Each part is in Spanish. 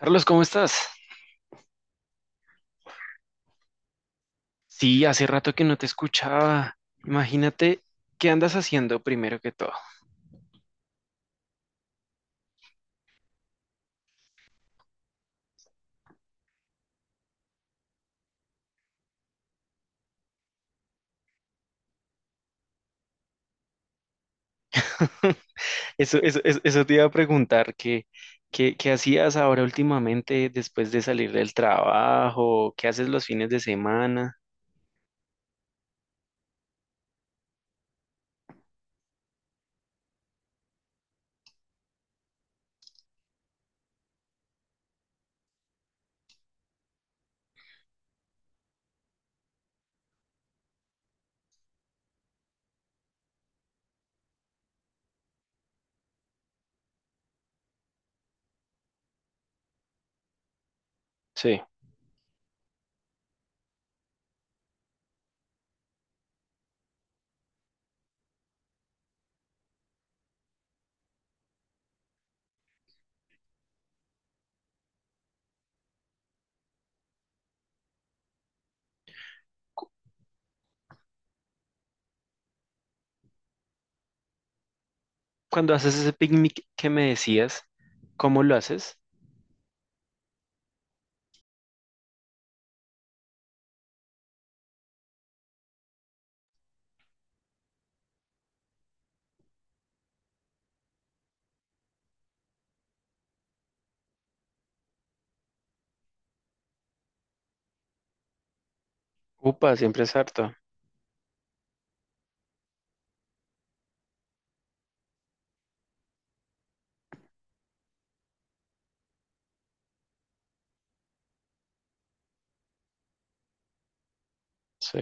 Carlos, ¿cómo estás? Sí, hace rato que no te escuchaba. Imagínate, ¿qué andas haciendo primero que todo? Eso te iba a preguntar, ¿qué hacías ahora últimamente después de salir del trabajo? ¿Qué haces los fines de semana? Sí. Cuando haces ese picnic que me decías, ¿cómo lo haces? Upa, siempre es harto. Sí.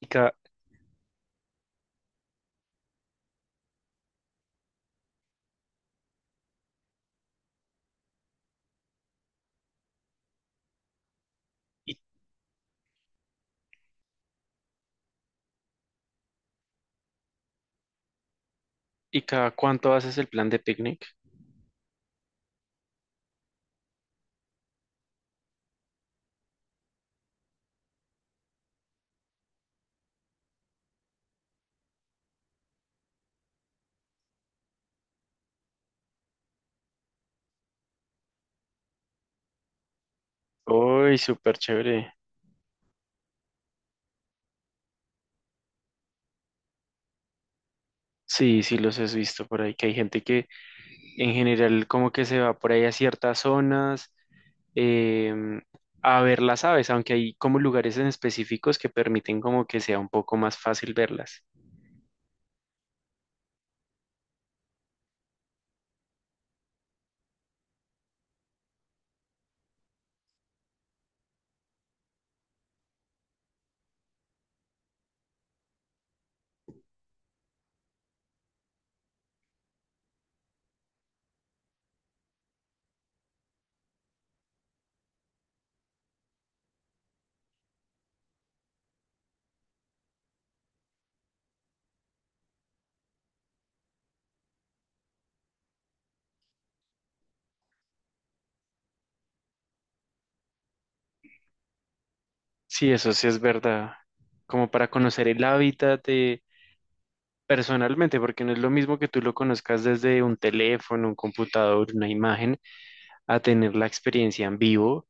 ¿Y cada, y, y cada cuánto haces el plan de picnic? Uy, súper chévere. Sí, sí los has visto por ahí, que hay gente que en general como que se va por ahí a ciertas zonas em, a ver las aves, aunque hay como lugares en específicos que permiten como que sea un poco más fácil verlas. Sí, eso sí es verdad, como para conocer el hábitat de- personalmente, porque no es lo mismo que tú lo conozcas desde un teléfono, un computador, una imagen, a tener la experiencia en vivo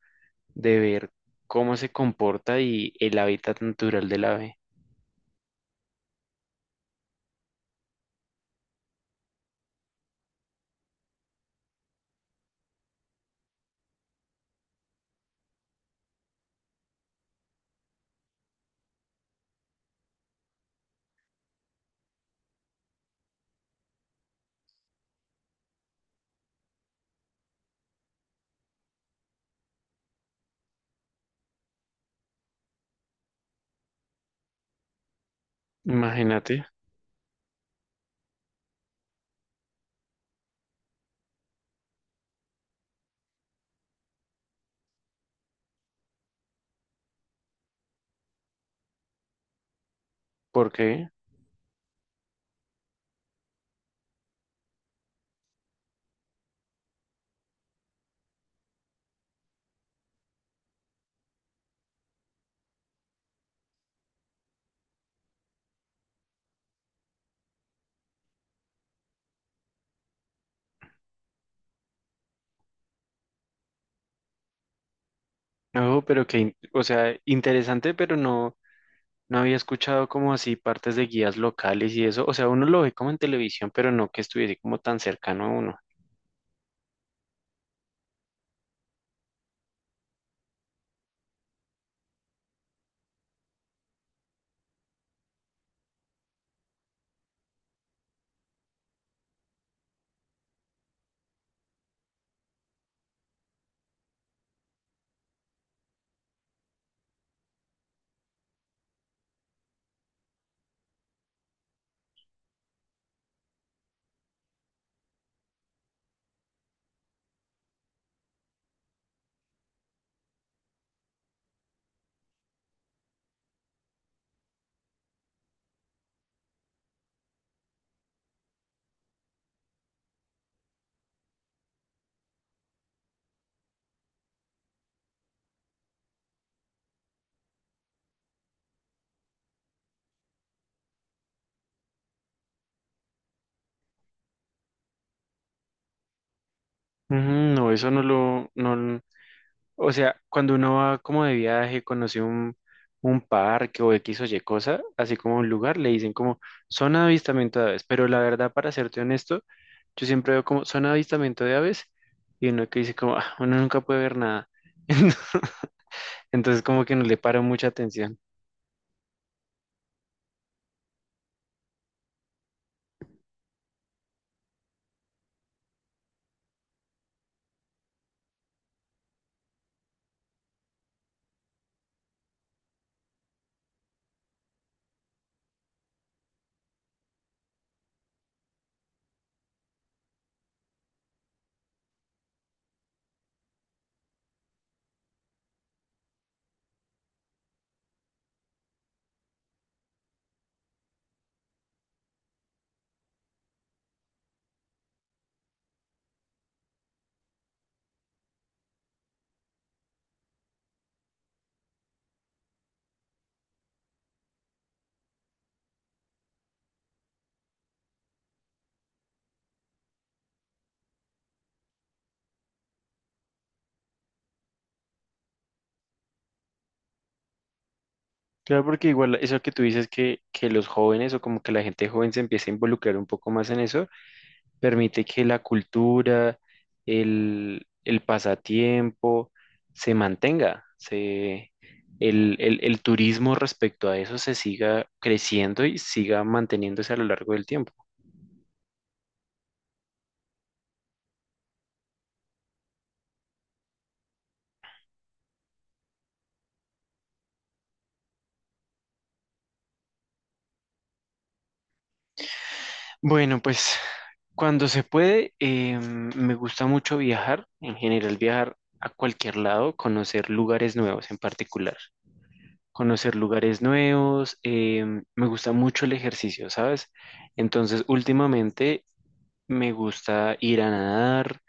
de ver cómo se comporta y el hábitat natural del ave. Imagínate. ¿Por qué? No, pero que, in- o sea, interesante, pero no, no había escuchado como así partes de guías locales y eso. O sea, uno lo ve como en televisión, pero no que estuviese como tan cercano a uno. Ujú. No, eso no lo, no, l- o sea, cuando uno va como de viaje, conoce un parque o X o Y cosa, así como un lugar, le dicen como zona de avistamiento de aves, pero la verdad, para serte honesto, yo siempre veo como zona de avistamiento de aves y uno que dice como, "Ah, uno nunca puede ver nada". Entonces como que no le paro mucha atención. Claro, porque igual eso que tú dices que los jóvenes o como que la gente joven se empiece a involucrar un poco más en eso, permite que la cultura, el pasatiempo se mantenga, se, el turismo respecto a eso se siga creciendo y siga manteniéndose a lo largo del tiempo. Bueno, pues cuando se puede, me gusta mucho viajar, en general viajar a cualquier lado, conocer lugares nuevos en particular. Conocer lugares nuevos, me gusta mucho el ejercicio, ¿sabes? Entonces, últimamente me gusta ir a nadar,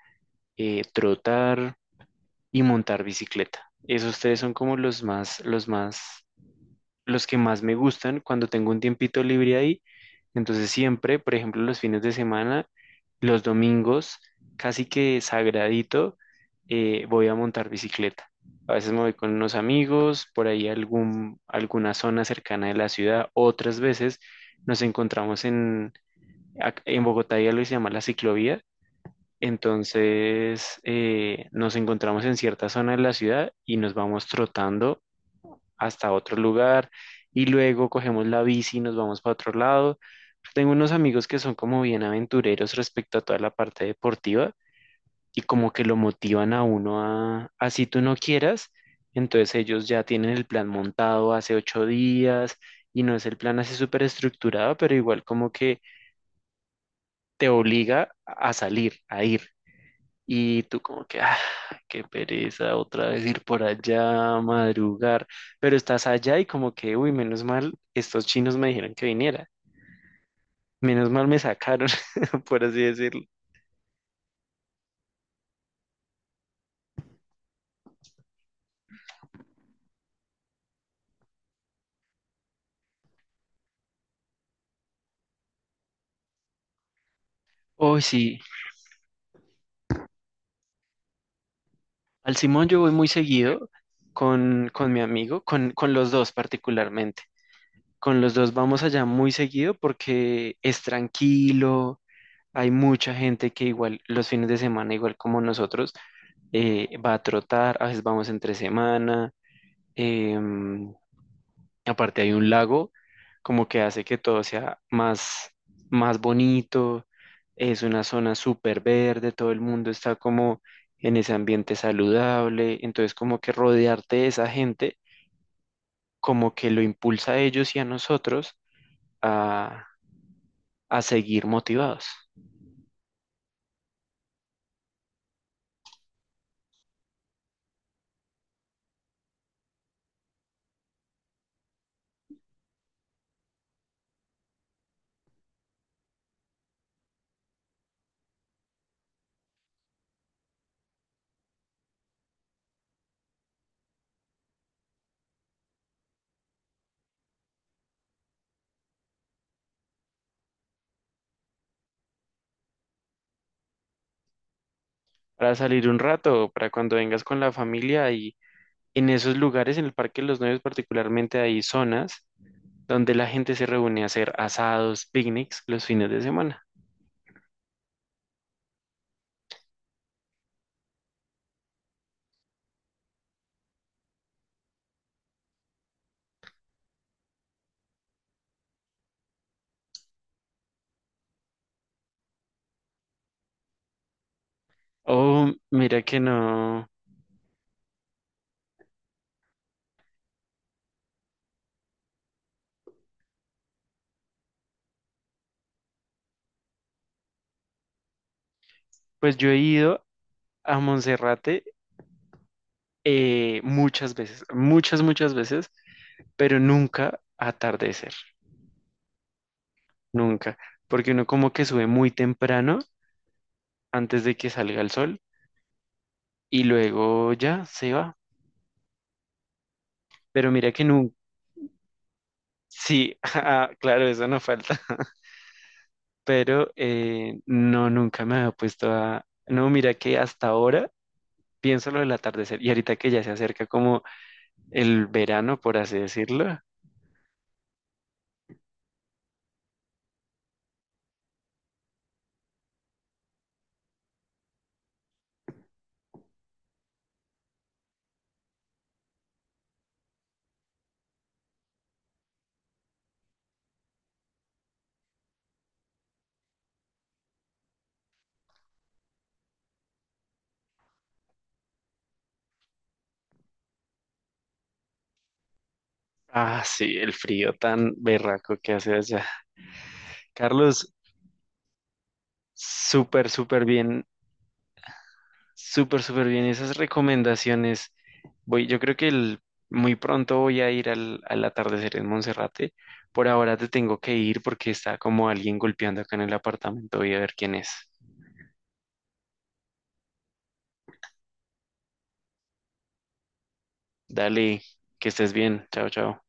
trotar y montar bicicleta. Esos tres son como los más, los que más me gustan cuando tengo un tiempito libre ahí. Entonces siempre, por ejemplo, los fines de semana, los domingos, casi que sagradito, voy a montar bicicleta. A veces me voy con unos amigos, por ahí a algún, alguna zona cercana de la ciudad. Otras veces nos encontramos en, ac- en Bogotá, hay algo que se llama la ciclovía. Entonces nos encontramos en cierta zona de la ciudad y nos vamos trotando hasta otro lugar y luego cogemos la bici y nos vamos para otro lado. Tengo unos amigos que son como bien aventureros respecto a toda la parte deportiva y como que lo motivan a uno a, así tú no quieras. Entonces ellos ya tienen el plan montado hace ocho días y no es el plan así súper estructurado, pero igual como que te obliga a salir, a ir. Y tú como que, ah, qué pereza otra vez ir por allá, madrugar, pero estás allá y como que, uy, menos mal, estos chinos me dijeron que viniera, menos mal me sacaron, por así decirlo. Uy, sí, al Simón yo voy muy seguido con mi amigo, con los dos particularmente. Con los dos vamos allá muy seguido porque es tranquilo, hay mucha gente que igual los fines de semana, igual como nosotros, va a trotar, a veces vamos entre semana. Em, Aparte hay un lago, como que hace que todo sea más, más bonito. Es una zona súper verde, todo el mundo está como en ese ambiente saludable. Entonces, como que rodearte de esa gente, como que lo impulsa a ellos y a nosotros a, a seguir motivados. Para salir un rato, para cuando vengas con la familia y en esos lugares, en el Parque de los Novios particularmente, hay zonas donde la gente se reúne a hacer asados, picnics los fines de semana. Oh, mira que no. Pues yo he ido a Monserrate muchas veces, muchas veces, pero nunca a atardecer, nunca, porque uno como que sube muy temprano antes de que salga el sol y luego ya se va. Pero mira que nunca, sí, ah, claro, eso no falta, pero no, nunca me había puesto a... No, mira que hasta ahora pienso lo del atardecer. Y ahorita que ya se acerca como el verano, por así decirlo. Ah, sí, el frío tan berraco que hace allá. Carlos, súper bien, súper bien. Esas recomendaciones. Voy, yo creo que el- muy pronto voy a ir al, al atardecer en Monserrate. Por ahora te tengo que ir porque está como alguien golpeando acá en el apartamento. Voy a ver quién es. Dale, que estés bien. Chao, chao.